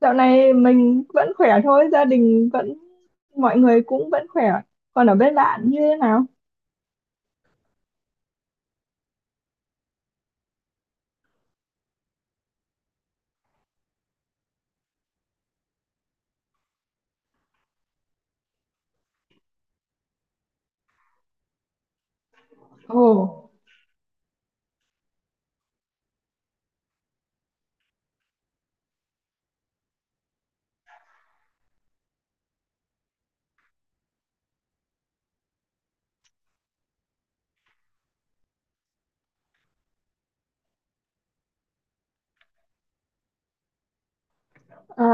Dạo này mình vẫn khỏe thôi, gia đình vẫn, mọi người cũng vẫn khỏe. Còn ở bên bạn như thế nào? Ồ. à,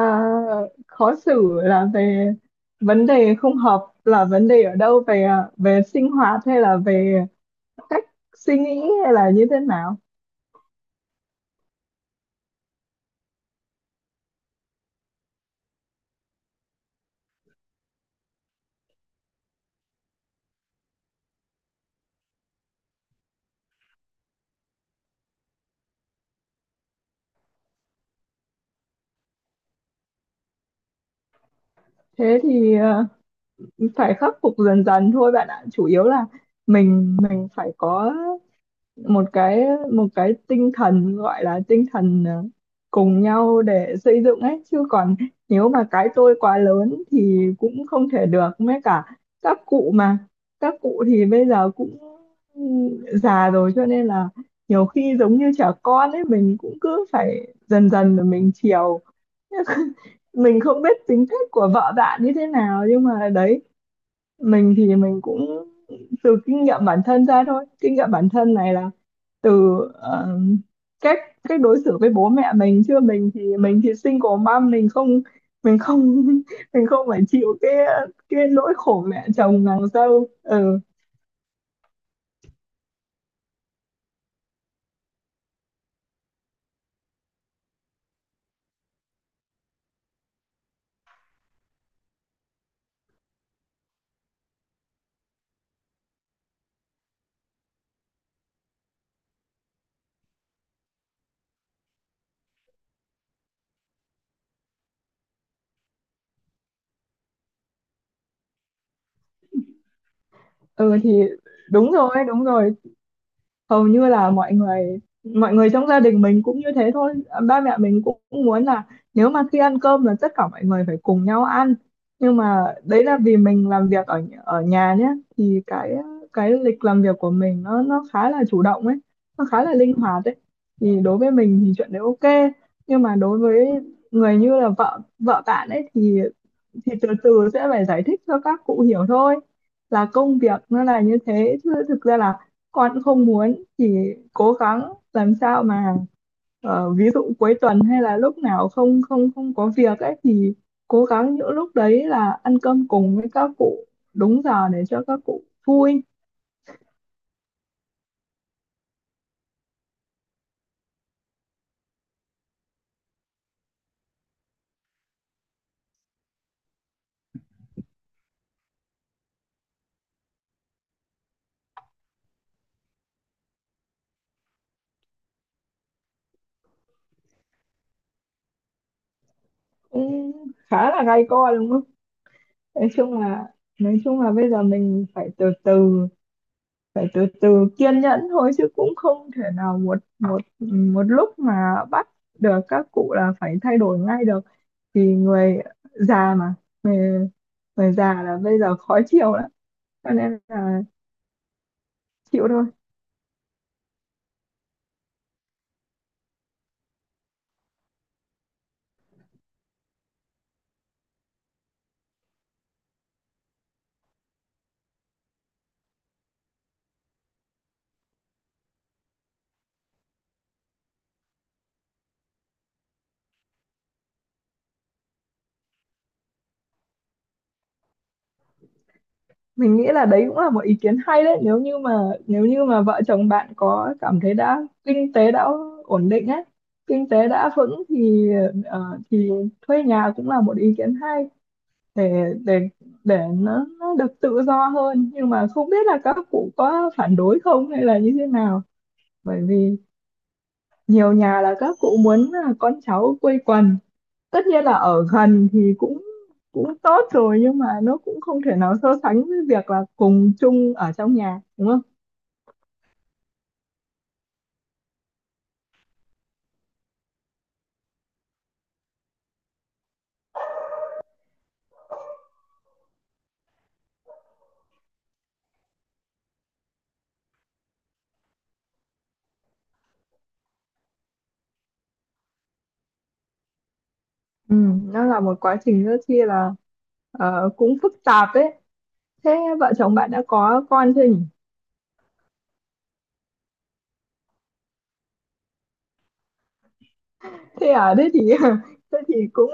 Khó xử là về vấn đề không hợp, là vấn đề ở đâu, về sinh hoạt hay là về cách suy nghĩ hay là như thế nào? Thế thì phải khắc phục dần dần thôi bạn ạ. Chủ yếu là mình phải có một cái tinh thần, gọi là tinh thần cùng nhau để xây dựng ấy, chứ còn nếu mà cái tôi quá lớn thì cũng không thể được mấy, cả các cụ mà, các cụ thì bây giờ cũng già rồi, cho nên là nhiều khi giống như trẻ con ấy, mình cũng cứ phải dần dần mà mình chiều. Mình không biết tính cách của vợ bạn như thế nào, nhưng mà đấy, mình thì mình cũng từ kinh nghiệm bản thân ra thôi. Kinh nghiệm bản thân này là từ cách cách đối xử với bố mẹ mình, chứ mình thì single mom, mình không mình không phải chịu cái nỗi khổ mẹ chồng nàng dâu. Ừ, ừ thì đúng rồi, đúng rồi. Hầu như là mọi người, trong gia đình mình cũng như thế thôi. Ba mẹ mình cũng muốn là nếu mà khi ăn cơm là tất cả mọi người phải cùng nhau ăn, nhưng mà đấy là vì mình làm việc ở ở nhà nhé. Thì cái lịch làm việc của mình nó khá là chủ động ấy, nó khá là linh hoạt ấy, thì đối với mình thì chuyện đấy ok. Nhưng mà đối với người như là vợ vợ bạn ấy thì từ từ sẽ phải giải thích cho các cụ hiểu thôi, là công việc nó là như thế, chứ thực ra là con cũng không muốn, chỉ cố gắng làm sao mà ví dụ cuối tuần hay là lúc nào không không không có việc ấy thì cố gắng những lúc đấy là ăn cơm cùng với các cụ đúng giờ để cho các cụ vui. Cũng khá là gay go đúng không. Nói chung là nói chung là bây giờ mình phải từ từ kiên nhẫn thôi, chứ cũng không thể nào một một một lúc mà bắt được các cụ là phải thay đổi ngay được. Thì người già mà, người, người già là bây giờ khó chịu lắm, cho nên là chịu thôi. Mình nghĩ là đấy cũng là một ý kiến hay đấy, nếu như mà vợ chồng bạn có cảm thấy đã kinh tế đã ổn định ấy, kinh tế đã vững thì ờ, thì thuê nhà cũng là một ý kiến hay. Để nó được tự do hơn, nhưng mà không biết là các cụ có phản đối không hay là như thế nào. Bởi vì nhiều nhà là các cụ muốn là con cháu quây quần, tất nhiên là ở gần thì cũng cũng tốt rồi, nhưng mà nó cũng không thể nào so sánh với việc là cùng chung ở trong nhà đúng không. Ừ, nó là một quá trình rất chi là cũng phức tạp đấy. Thế vợ chồng bạn đã có con chưa nhỉ? Thế à, thế thì thế thì cũng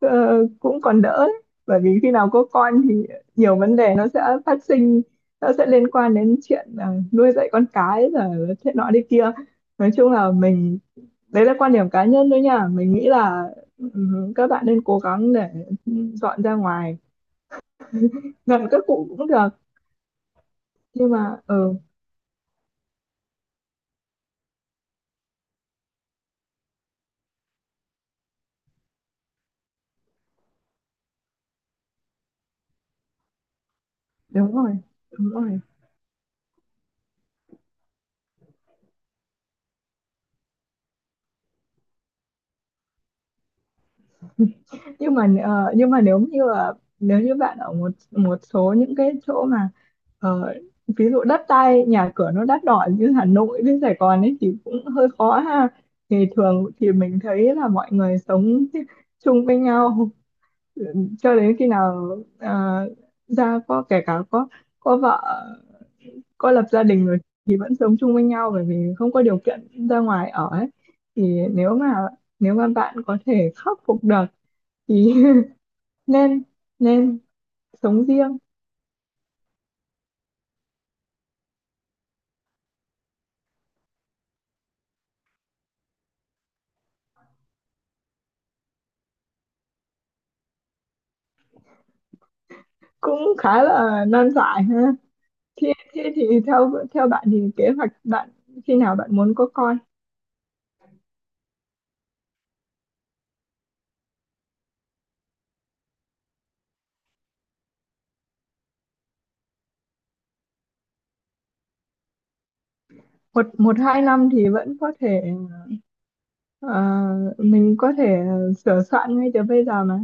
ờ, cũng còn đỡ đấy. Bởi vì khi nào có con thì nhiều vấn đề nó sẽ phát sinh, nó sẽ liên quan đến chuyện nuôi dạy con cái rồi thế nọ đi kia. Nói chung là mình, đấy là quan điểm cá nhân thôi nha, mình nghĩ là ừ, các bạn nên cố gắng để dọn ra ngoài, gần các cụ cũng được, nhưng mà đúng rồi, đúng rồi. Nhưng mà nếu như bạn ở một một số những cái chỗ mà ờ, ví dụ đất đai nhà cửa nó đắt đỏ như Hà Nội với Sài Gòn ấy thì cũng hơi khó ha. Thì thường thì mình thấy là mọi người sống chung với nhau cho đến khi nào ra, có, kể cả có vợ, có lập gia đình rồi thì vẫn sống chung với nhau, bởi vì không có điều kiện ra ngoài ở ấy. Thì nếu mà bạn có thể khắc phục được thì nên nên sống riêng. Cũng khá là nan giải ha. Thế thì theo theo bạn thì kế hoạch bạn, khi nào bạn muốn có con. Một Một hai năm thì vẫn có thể ờ, mình có thể sửa soạn ngay từ bây giờ mà.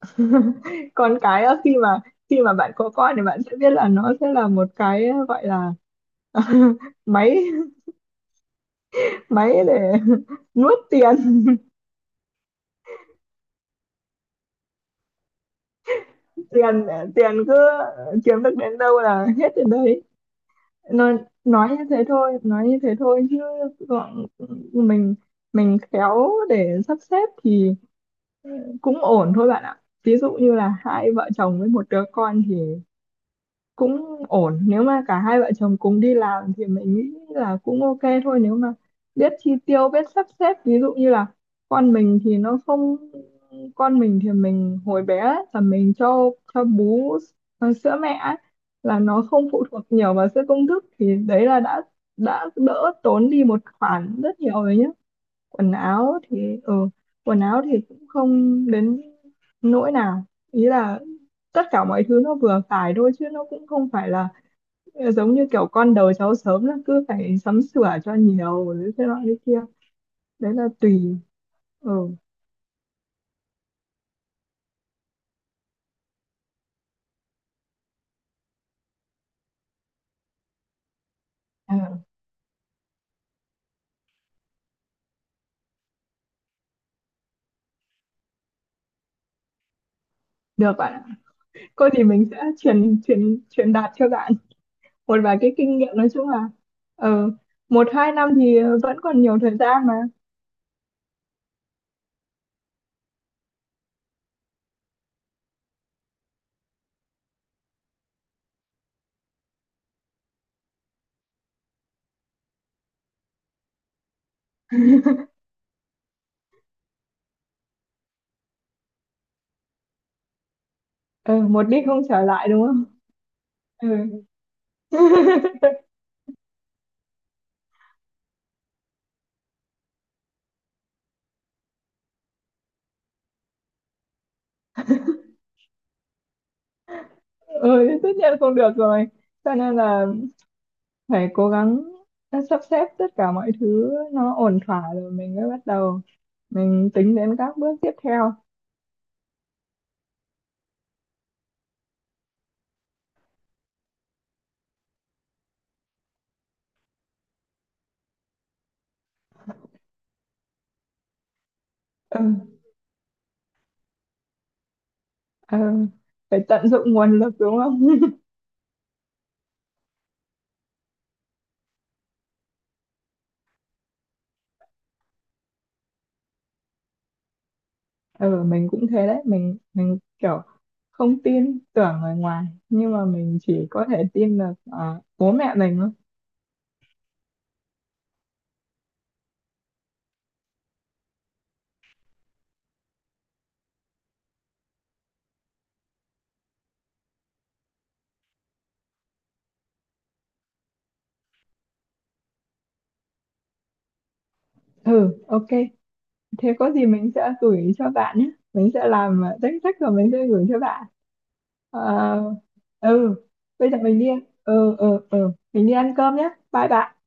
Còn cái á, khi mà bạn có con thì bạn sẽ biết là nó sẽ là một cái gọi là máy máy để nuốt tiền. tiền tiền cứ kiếm được đến đâu là hết đến đấy. nói nói như thế thôi, chứ, gọn mình mình khéo để sắp xếp thì cũng ổn thôi bạn ạ. Ví dụ như là hai vợ chồng với một đứa con thì cũng ổn, nếu mà cả hai vợ chồng cùng đi làm thì mình nghĩ là cũng ok thôi, nếu mà biết chi tiêu, biết sắp xếp. Ví dụ như là con mình thì nó không con mình thì mình hồi bé ấy, là mình cho bú sữa mẹ ấy, là nó không phụ thuộc nhiều vào sữa công thức, thì đấy là đã đỡ tốn đi một khoản rất nhiều rồi nhé. Quần áo thì ừ quần áo thì cũng không đến nỗi nào. Ý là tất cả mọi thứ nó vừa phải thôi, chứ nó cũng không phải là giống như kiểu con đầu cháu sớm là cứ phải sắm sửa cho nhiều rồi thế nọ thế kia. Đấy là tùy. ừ Ờ, Được bạn ạ. Cô thì mình sẽ truyền truyền truyền đạt cho bạn một vài cái kinh nghiệm. Nói chung là ừ, một hai năm thì vẫn còn nhiều thời gian mà. Ừ, Một đi không trở lại đúng không. Ừ. Ừ, tất nhiên không được rồi, cho nên là phải cố gắng sắp xếp tất cả mọi thứ nó ổn thỏa rồi mình mới bắt đầu, mình tính đến các bước tiếp theo. Ừ, ừ. Phải tận dụng nguồn lực đúng không. Ừ, mình cũng thế đấy. Mình kiểu không tin tưởng người ngoài, nhưng mà mình chỉ có thể tin được bố mẹ mình thôi. Ừ, ok, thế có gì mình sẽ gửi cho bạn nhé, mình sẽ làm danh sách rồi mình sẽ gửi cho bạn. Ờ, ừ, bây giờ mình đi ừ ừ ừ mình đi ăn cơm nhé. Bye bye.